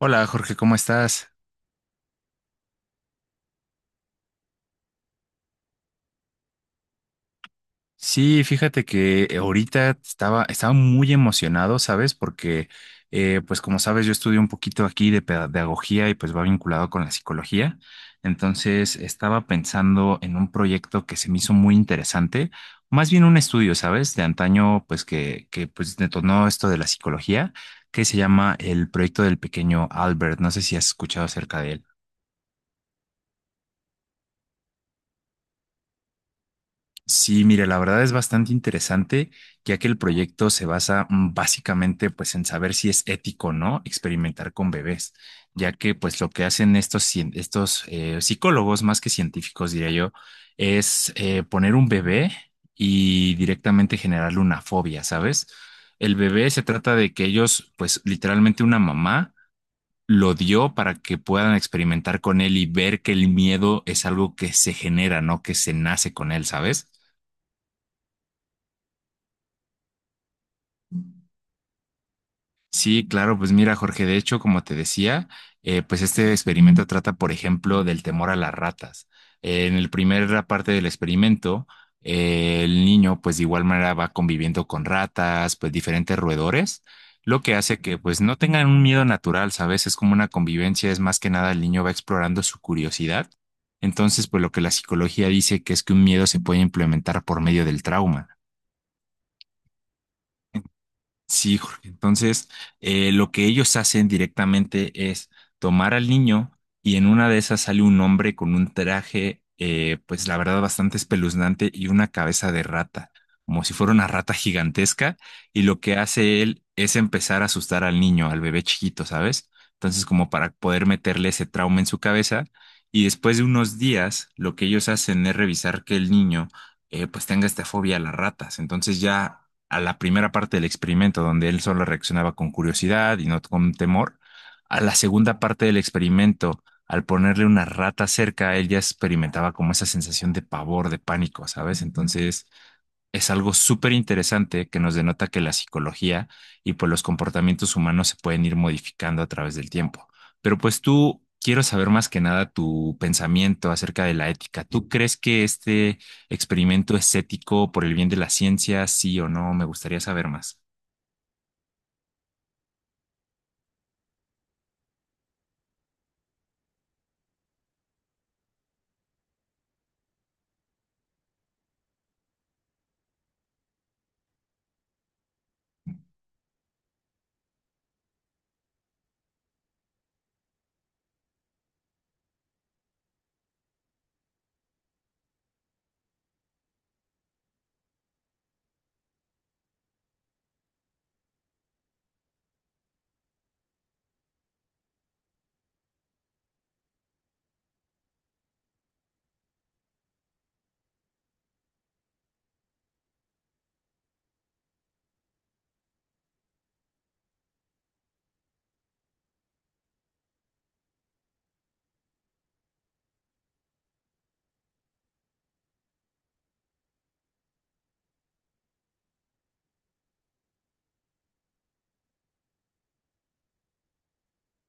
Hola Jorge, ¿cómo estás? Sí, fíjate que ahorita estaba muy emocionado, ¿sabes? Porque, pues como sabes, yo estudio un poquito aquí de pedagogía y pues va vinculado con la psicología. Entonces, estaba pensando en un proyecto que se me hizo muy interesante, más bien un estudio, ¿sabes? De antaño, pues que pues detonó esto de la psicología, que se llama el proyecto del pequeño Albert. No sé si has escuchado acerca de él. Sí, mire, la verdad es bastante interesante, ya que el proyecto se basa básicamente pues en saber si es ético o no experimentar con bebés, ya que pues lo que hacen estos psicólogos, más que científicos diría yo, es poner un bebé y directamente generarle una fobia, ¿sabes? El bebé se trata de que ellos pues literalmente una mamá lo dio para que puedan experimentar con él y ver que el miedo es algo que se genera, no que se nace con él, ¿sabes? Sí, claro, pues mira, Jorge, de hecho, como te decía, pues este experimento trata, por ejemplo, del temor a las ratas. En la primera parte del experimento, el niño, pues de igual manera va conviviendo con ratas, pues diferentes roedores, lo que hace que pues no tengan un miedo natural, ¿sabes? Es como una convivencia, es más que nada el niño va explorando su curiosidad. Entonces, pues lo que la psicología dice que es que un miedo se puede implementar por medio del trauma. Sí, Jorge. Entonces, lo que ellos hacen directamente es tomar al niño y en una de esas sale un hombre con un traje, pues la verdad, bastante espeluznante y una cabeza de rata, como si fuera una rata gigantesca. Y lo que hace él es empezar a asustar al niño, al bebé chiquito, ¿sabes? Entonces, como para poder meterle ese trauma en su cabeza. Y después de unos días, lo que ellos hacen es revisar que el niño pues tenga esta fobia a las ratas. Entonces ya a la primera parte del experimento, donde él solo reaccionaba con curiosidad y no con temor, a la segunda parte del experimento, al ponerle una rata cerca, él ya experimentaba como esa sensación de pavor, de pánico, ¿sabes? Entonces, es algo súper interesante que nos denota que la psicología y pues los comportamientos humanos se pueden ir modificando a través del tiempo. Pero pues tú quiero saber más que nada tu pensamiento acerca de la ética. ¿Tú crees que este experimento es ético por el bien de la ciencia, sí o no? Me gustaría saber más.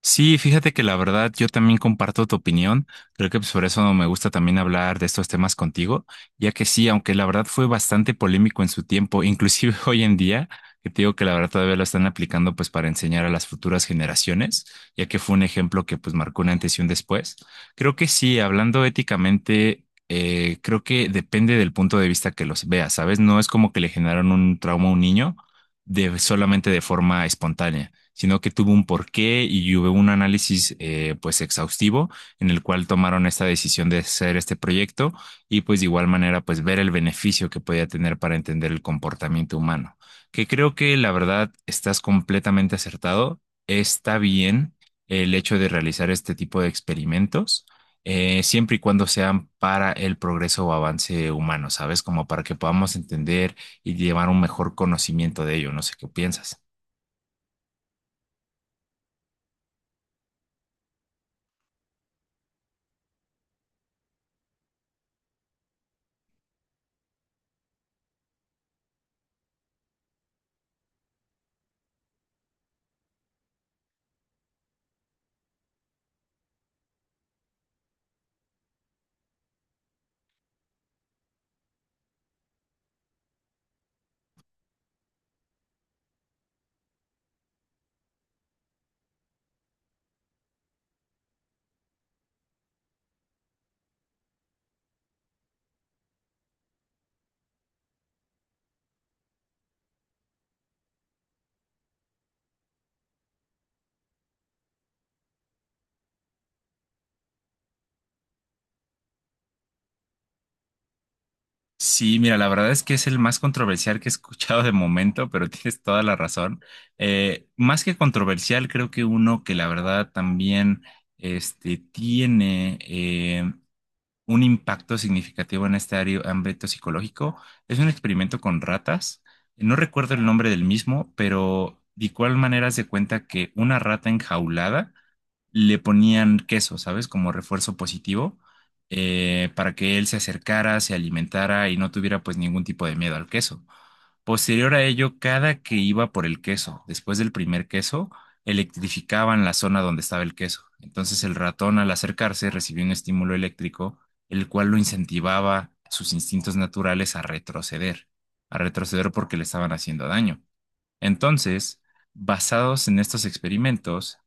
Sí, fíjate que la verdad yo también comparto tu opinión. Creo que pues, por eso me gusta también hablar de estos temas contigo, ya que sí, aunque la verdad fue bastante polémico en su tiempo, inclusive hoy en día, que te digo que la verdad todavía lo están aplicando pues para enseñar a las futuras generaciones, ya que fue un ejemplo que pues marcó un antes y un después. Creo que sí, hablando éticamente, creo que depende del punto de vista que los veas, ¿sabes? No es como que le generaron un trauma a un niño de solamente de forma espontánea, sino que tuvo un porqué y hubo un análisis pues exhaustivo en el cual tomaron esta decisión de hacer este proyecto y pues de igual manera pues ver el beneficio que podía tener para entender el comportamiento humano, que creo que la verdad estás completamente acertado, está bien el hecho de realizar este tipo de experimentos siempre y cuando sean para el progreso o avance humano, ¿sabes? Como para que podamos entender y llevar un mejor conocimiento de ello. No sé qué piensas. Sí, mira, la verdad es que es el más controversial que he escuchado de momento, pero tienes toda la razón. Más que controversial, creo que uno que la verdad también este, tiene un impacto significativo en este ámbito psicológico es un experimento con ratas. No recuerdo el nombre del mismo, pero de igual manera se cuenta que una rata enjaulada le ponían queso, ¿sabes? Como refuerzo positivo, para que él se acercara, se alimentara y no tuviera pues ningún tipo de miedo al queso. Posterior a ello, cada que iba por el queso, después del primer queso, electrificaban la zona donde estaba el queso. Entonces el ratón al acercarse recibió un estímulo eléctrico, el cual lo incentivaba sus instintos naturales a retroceder porque le estaban haciendo daño. Entonces, basados en estos experimentos,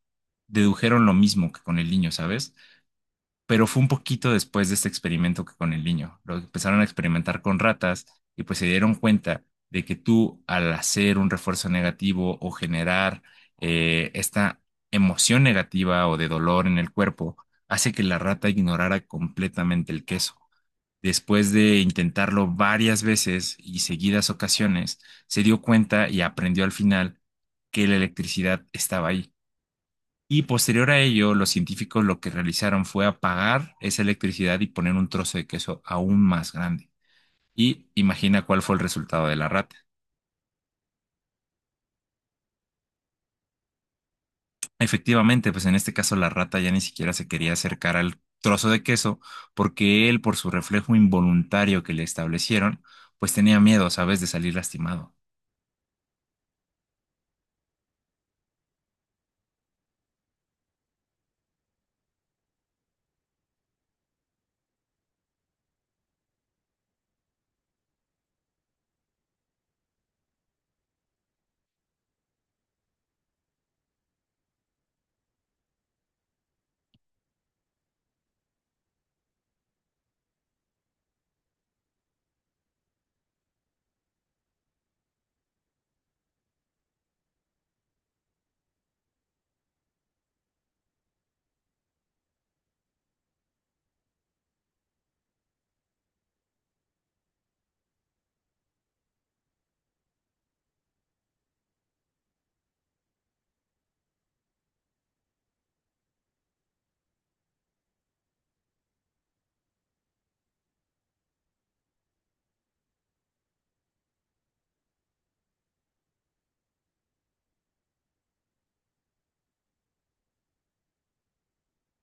dedujeron lo mismo que con el niño, ¿sabes? Pero fue un poquito después de este experimento que con el niño. Lo empezaron a experimentar con ratas y pues se dieron cuenta de que tú al hacer un refuerzo negativo o generar esta emoción negativa o de dolor en el cuerpo, hace que la rata ignorara completamente el queso. Después de intentarlo varias veces y seguidas ocasiones, se dio cuenta y aprendió al final que la electricidad estaba ahí. Y posterior a ello, los científicos lo que realizaron fue apagar esa electricidad y poner un trozo de queso aún más grande. Y imagina cuál fue el resultado de la rata. Efectivamente, pues en este caso la rata ya ni siquiera se quería acercar al trozo de queso porque él, por su reflejo involuntario que le establecieron, pues tenía miedo, ¿sabes?, de salir lastimado.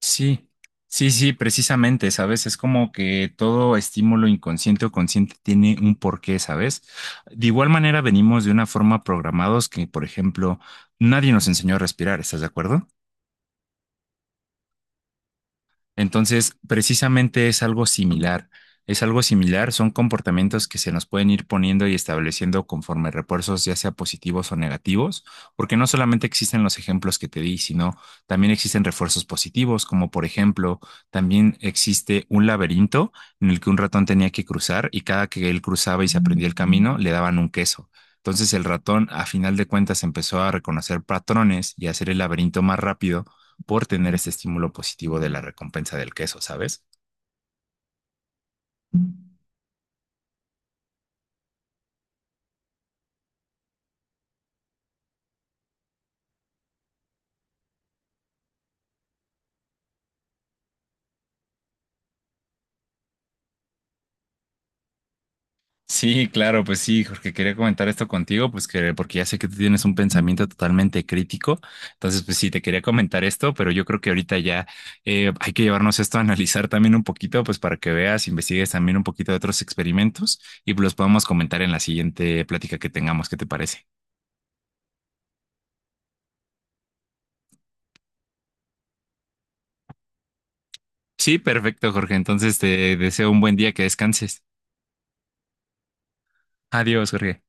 Sí, sí, sí, precisamente, ¿sabes? Es como que todo estímulo inconsciente o consciente tiene un porqué, ¿sabes? De igual manera venimos de una forma programados que, por ejemplo, nadie nos enseñó a respirar, ¿estás de acuerdo? Entonces, precisamente es algo similar. Es algo similar, son comportamientos que se nos pueden ir poniendo y estableciendo conforme refuerzos, ya sea positivos o negativos, porque no solamente existen los ejemplos que te di, sino también existen refuerzos positivos, como por ejemplo, también existe un laberinto en el que un ratón tenía que cruzar y cada que él cruzaba y se aprendía el camino, le daban un queso. Entonces el ratón, a final de cuentas, empezó a reconocer patrones y a hacer el laberinto más rápido por tener ese estímulo positivo de la recompensa del queso, ¿sabes? Sí, claro, pues sí, Jorge, quería comentar esto contigo, pues que porque ya sé que tú tienes un pensamiento totalmente crítico, entonces pues sí, te quería comentar esto, pero yo creo que ahorita ya hay que llevarnos esto a analizar también un poquito, pues para que veas, investigues también un poquito de otros experimentos y pues, los podemos comentar en la siguiente plática que tengamos, ¿qué te parece? Sí, perfecto, Jorge, entonces te deseo un buen día, que descanses. Adiós, Jorge.